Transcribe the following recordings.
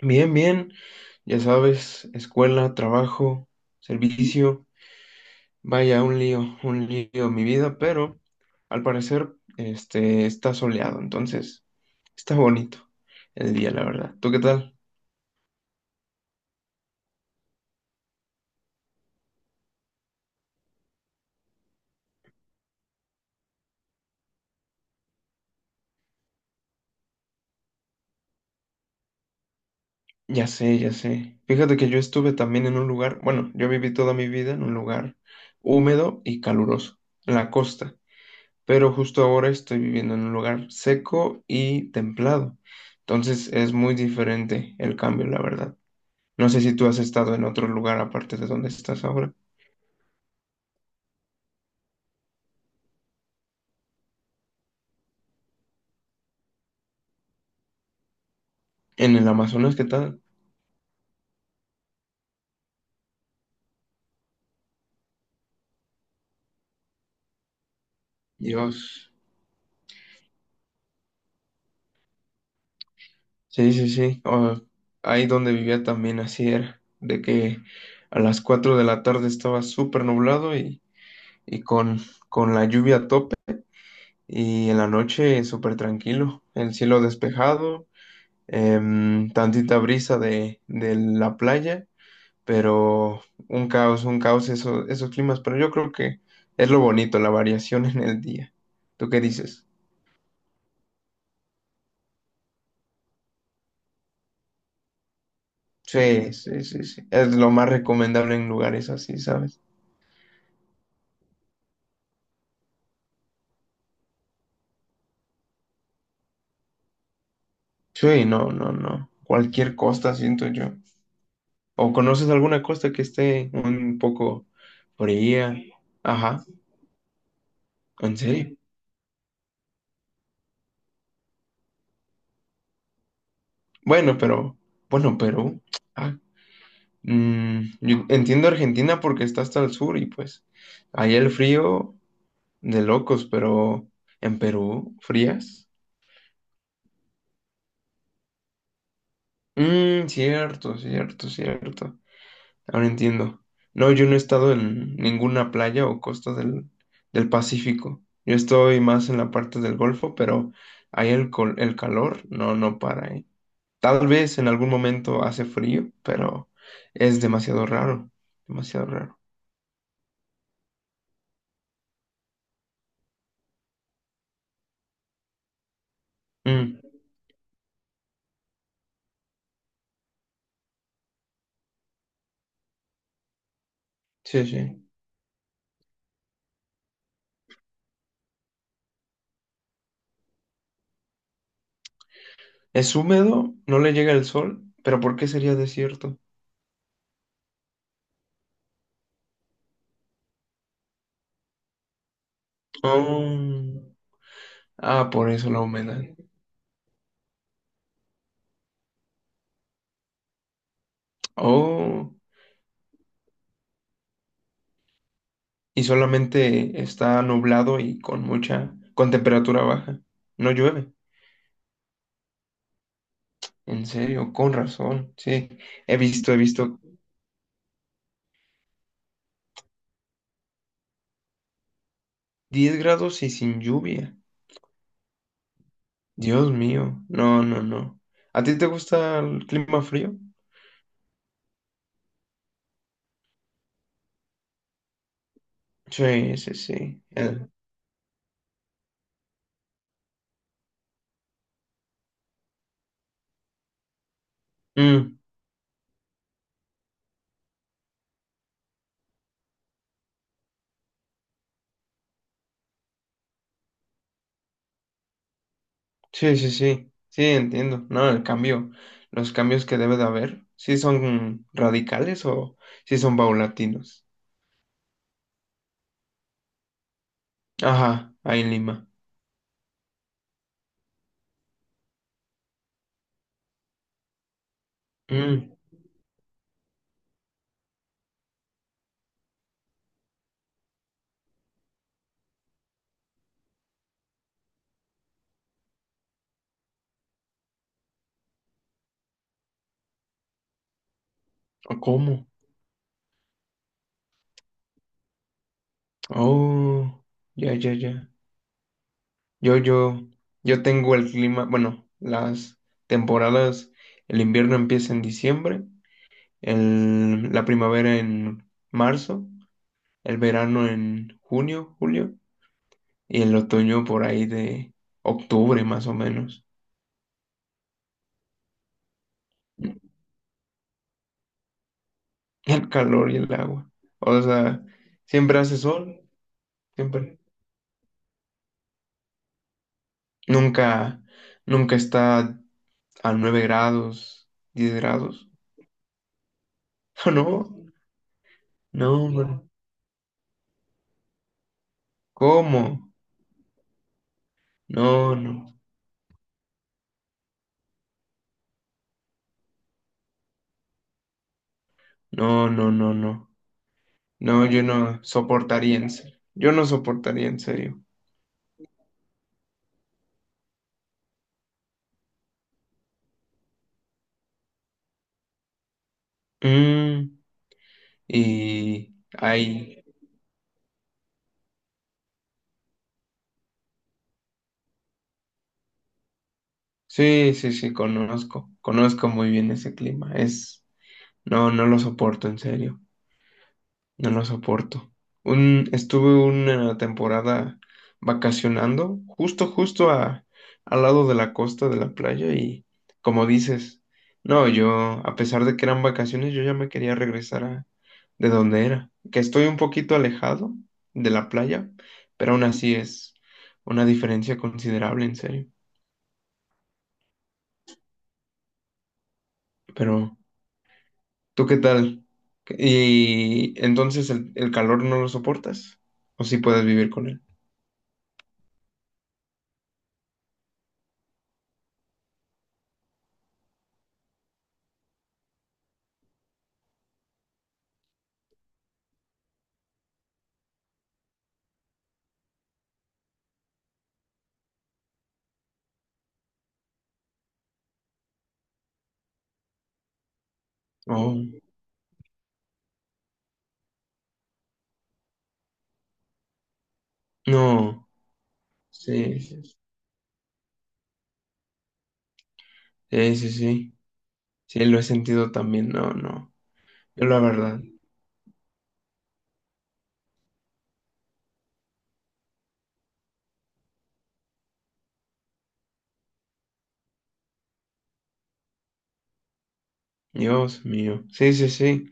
Bien, bien, ya sabes, escuela, trabajo, servicio, vaya, un lío mi vida, pero al parecer este está soleado, entonces está bonito el día, la verdad. ¿Tú qué tal? Ya sé, ya sé. Fíjate que yo estuve también en un lugar, bueno, yo viví toda mi vida en un lugar húmedo y caluroso, en la costa, pero justo ahora estoy viviendo en un lugar seco y templado, entonces es muy diferente el cambio, la verdad. No sé si tú has estado en otro lugar aparte de donde estás ahora. En el Amazonas, ¿qué tal? Dios. Sí, sí, sí. Ah, ahí donde vivía también así era, de que a las 4 de la tarde estaba súper nublado y con la lluvia a tope y en la noche súper tranquilo, el cielo despejado, tantita brisa de la playa pero un caos eso, esos climas, pero yo creo que es lo bonito, la variación en el día. ¿Tú qué dices? Sí, sí, sí, sí. Es lo más recomendable en lugares así, ¿sabes? Sí, no, no, no. Cualquier costa, siento yo. ¿O conoces alguna costa que esté un poco fría? Ajá, ¿en serio? Bueno, pero, bueno, Perú. Ah, yo entiendo Argentina porque está hasta el sur y pues ahí el frío de locos, pero en Perú, frías. Mmm, cierto, cierto, cierto. Ahora entiendo. No, yo no he estado en ninguna playa o costa del Pacífico. Yo estoy más en la parte del Golfo, pero ahí el calor no para, ¿eh? Tal vez en algún momento hace frío, pero es demasiado raro, demasiado raro. Mm, sí, sí. Es húmedo, no le llega el sol, pero ¿por qué sería desierto? Oh. Ah, por eso la humedad. Oh, y solamente está nublado y con temperatura baja. No llueve. En serio, con razón. Sí, he visto 10 grados y sin lluvia. Dios mío, no, no, no. ¿A ti te gusta el clima frío? Sí, sí, sí. Mm, sí, sí, sí. Sí, entiendo. No, el cambio, los cambios que debe de haber, ¿sí son radicales o sí son paulatinos? Ajá, ahí en Lima. Mm, ¿o cómo? Oh, ya, ya, ya. Yo, yo, yo tengo el clima, bueno, las temporadas, el invierno empieza en diciembre, la primavera en marzo, el verano en junio, julio, y el otoño por ahí de octubre más o menos. El calor y el agua. O sea, siempre hace sol, siempre. Nunca, nunca está a 9 grados, 10 grados. No, no, hombre. ¿Cómo? No, no, no, no, no, no. No, yo no soportaría en serio. Yo no soportaría en serio. Mm, y ahí. Sí, sí, sí, conozco. Conozco muy bien ese clima. Es. No, no lo soporto en serio. No lo soporto. Estuve una temporada vacacionando justo, justo al lado de la costa de la playa y como dices, no, yo, a pesar de que eran vacaciones, yo ya me quería regresar a de donde era, que estoy un poquito alejado de la playa, pero aún así es una diferencia considerable, en serio. Pero, ¿tú qué tal? Y entonces el calor no lo soportas, o si puedes vivir con él. Oh, no. Sí, sí, sí, sí, sí, sí, lo he sentido también, no, no, yo la verdad, Dios mío, sí, sí, sí,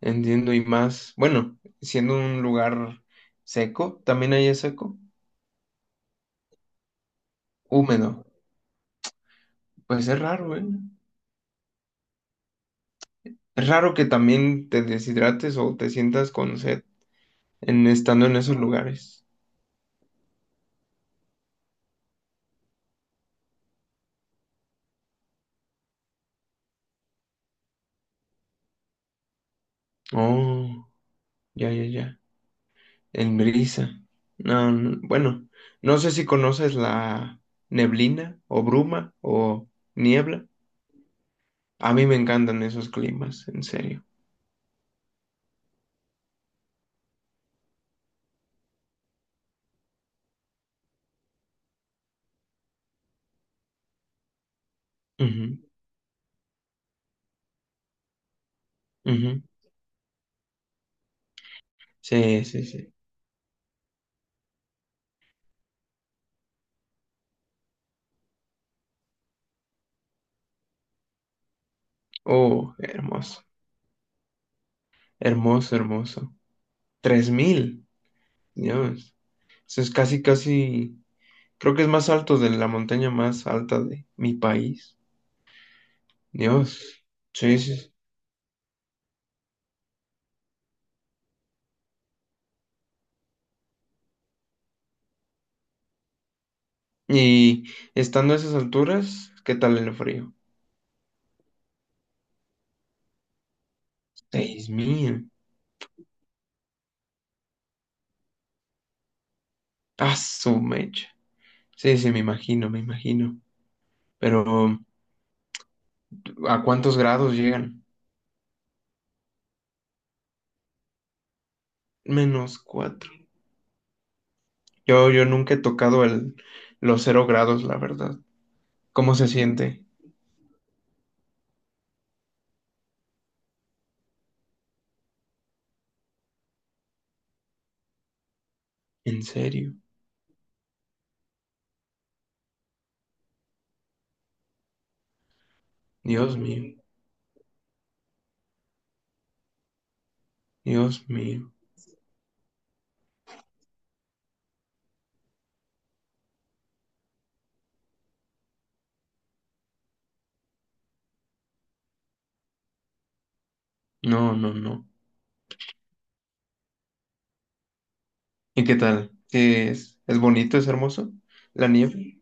entiendo y más, bueno, siendo un lugar seco, también hay seco, húmedo, pues es raro, ¿eh? Es raro que también te deshidrates o te sientas con sed en estando en esos lugares. Oh, ya, ya, ya, en brisa, no, no, bueno, no sé si conoces la neblina o bruma o niebla. A mí me encantan esos climas, en serio. Ujú, ujú. Sí, sí, sí. Oh, hermoso, hermoso, hermoso. 3000, Dios. Eso es casi, casi, creo que es más alto de la montaña más alta de mi país. Dios. Sí, sí. Sí. Y estando a esas alturas, ¿qué tal el frío? 6000. Ah, su mecha. Sí, sí, me imagino, me imagino. Pero, ¿a cuántos grados llegan? -4. Yo nunca he tocado los 0 grados, la verdad. ¿Cómo se siente? En serio. Dios mío. Dios mío. No, no, no. ¿Y qué tal? ¿Qué ¿Es bonito? ¿Es hermoso? La nieve.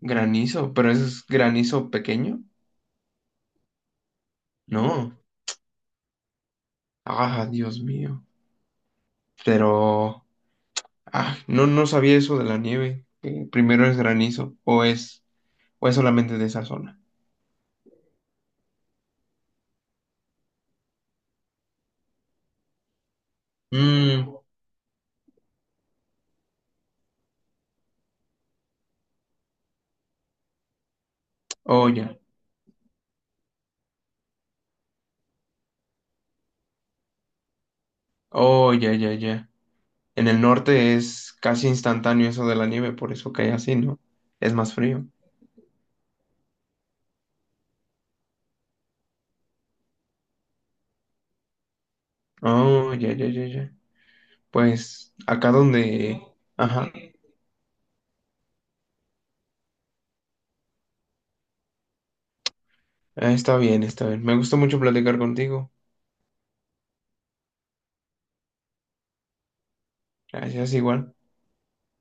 Granizo. ¿Pero ese es granizo pequeño? No. Ah, Dios mío. Pero. Ah, no, no sabía eso de la nieve, que primero es granizo. ¿O es solamente de esa zona? Mm, oh, ya. Oh, ya, ya, ya. En el norte es casi instantáneo eso de la nieve, por eso cae así, ¿no? Es más frío. Oh, ya, ya, ya, ya. Pues acá donde. Ajá. Ah, está bien, está bien. Me gustó mucho platicar contigo. Gracias, igual.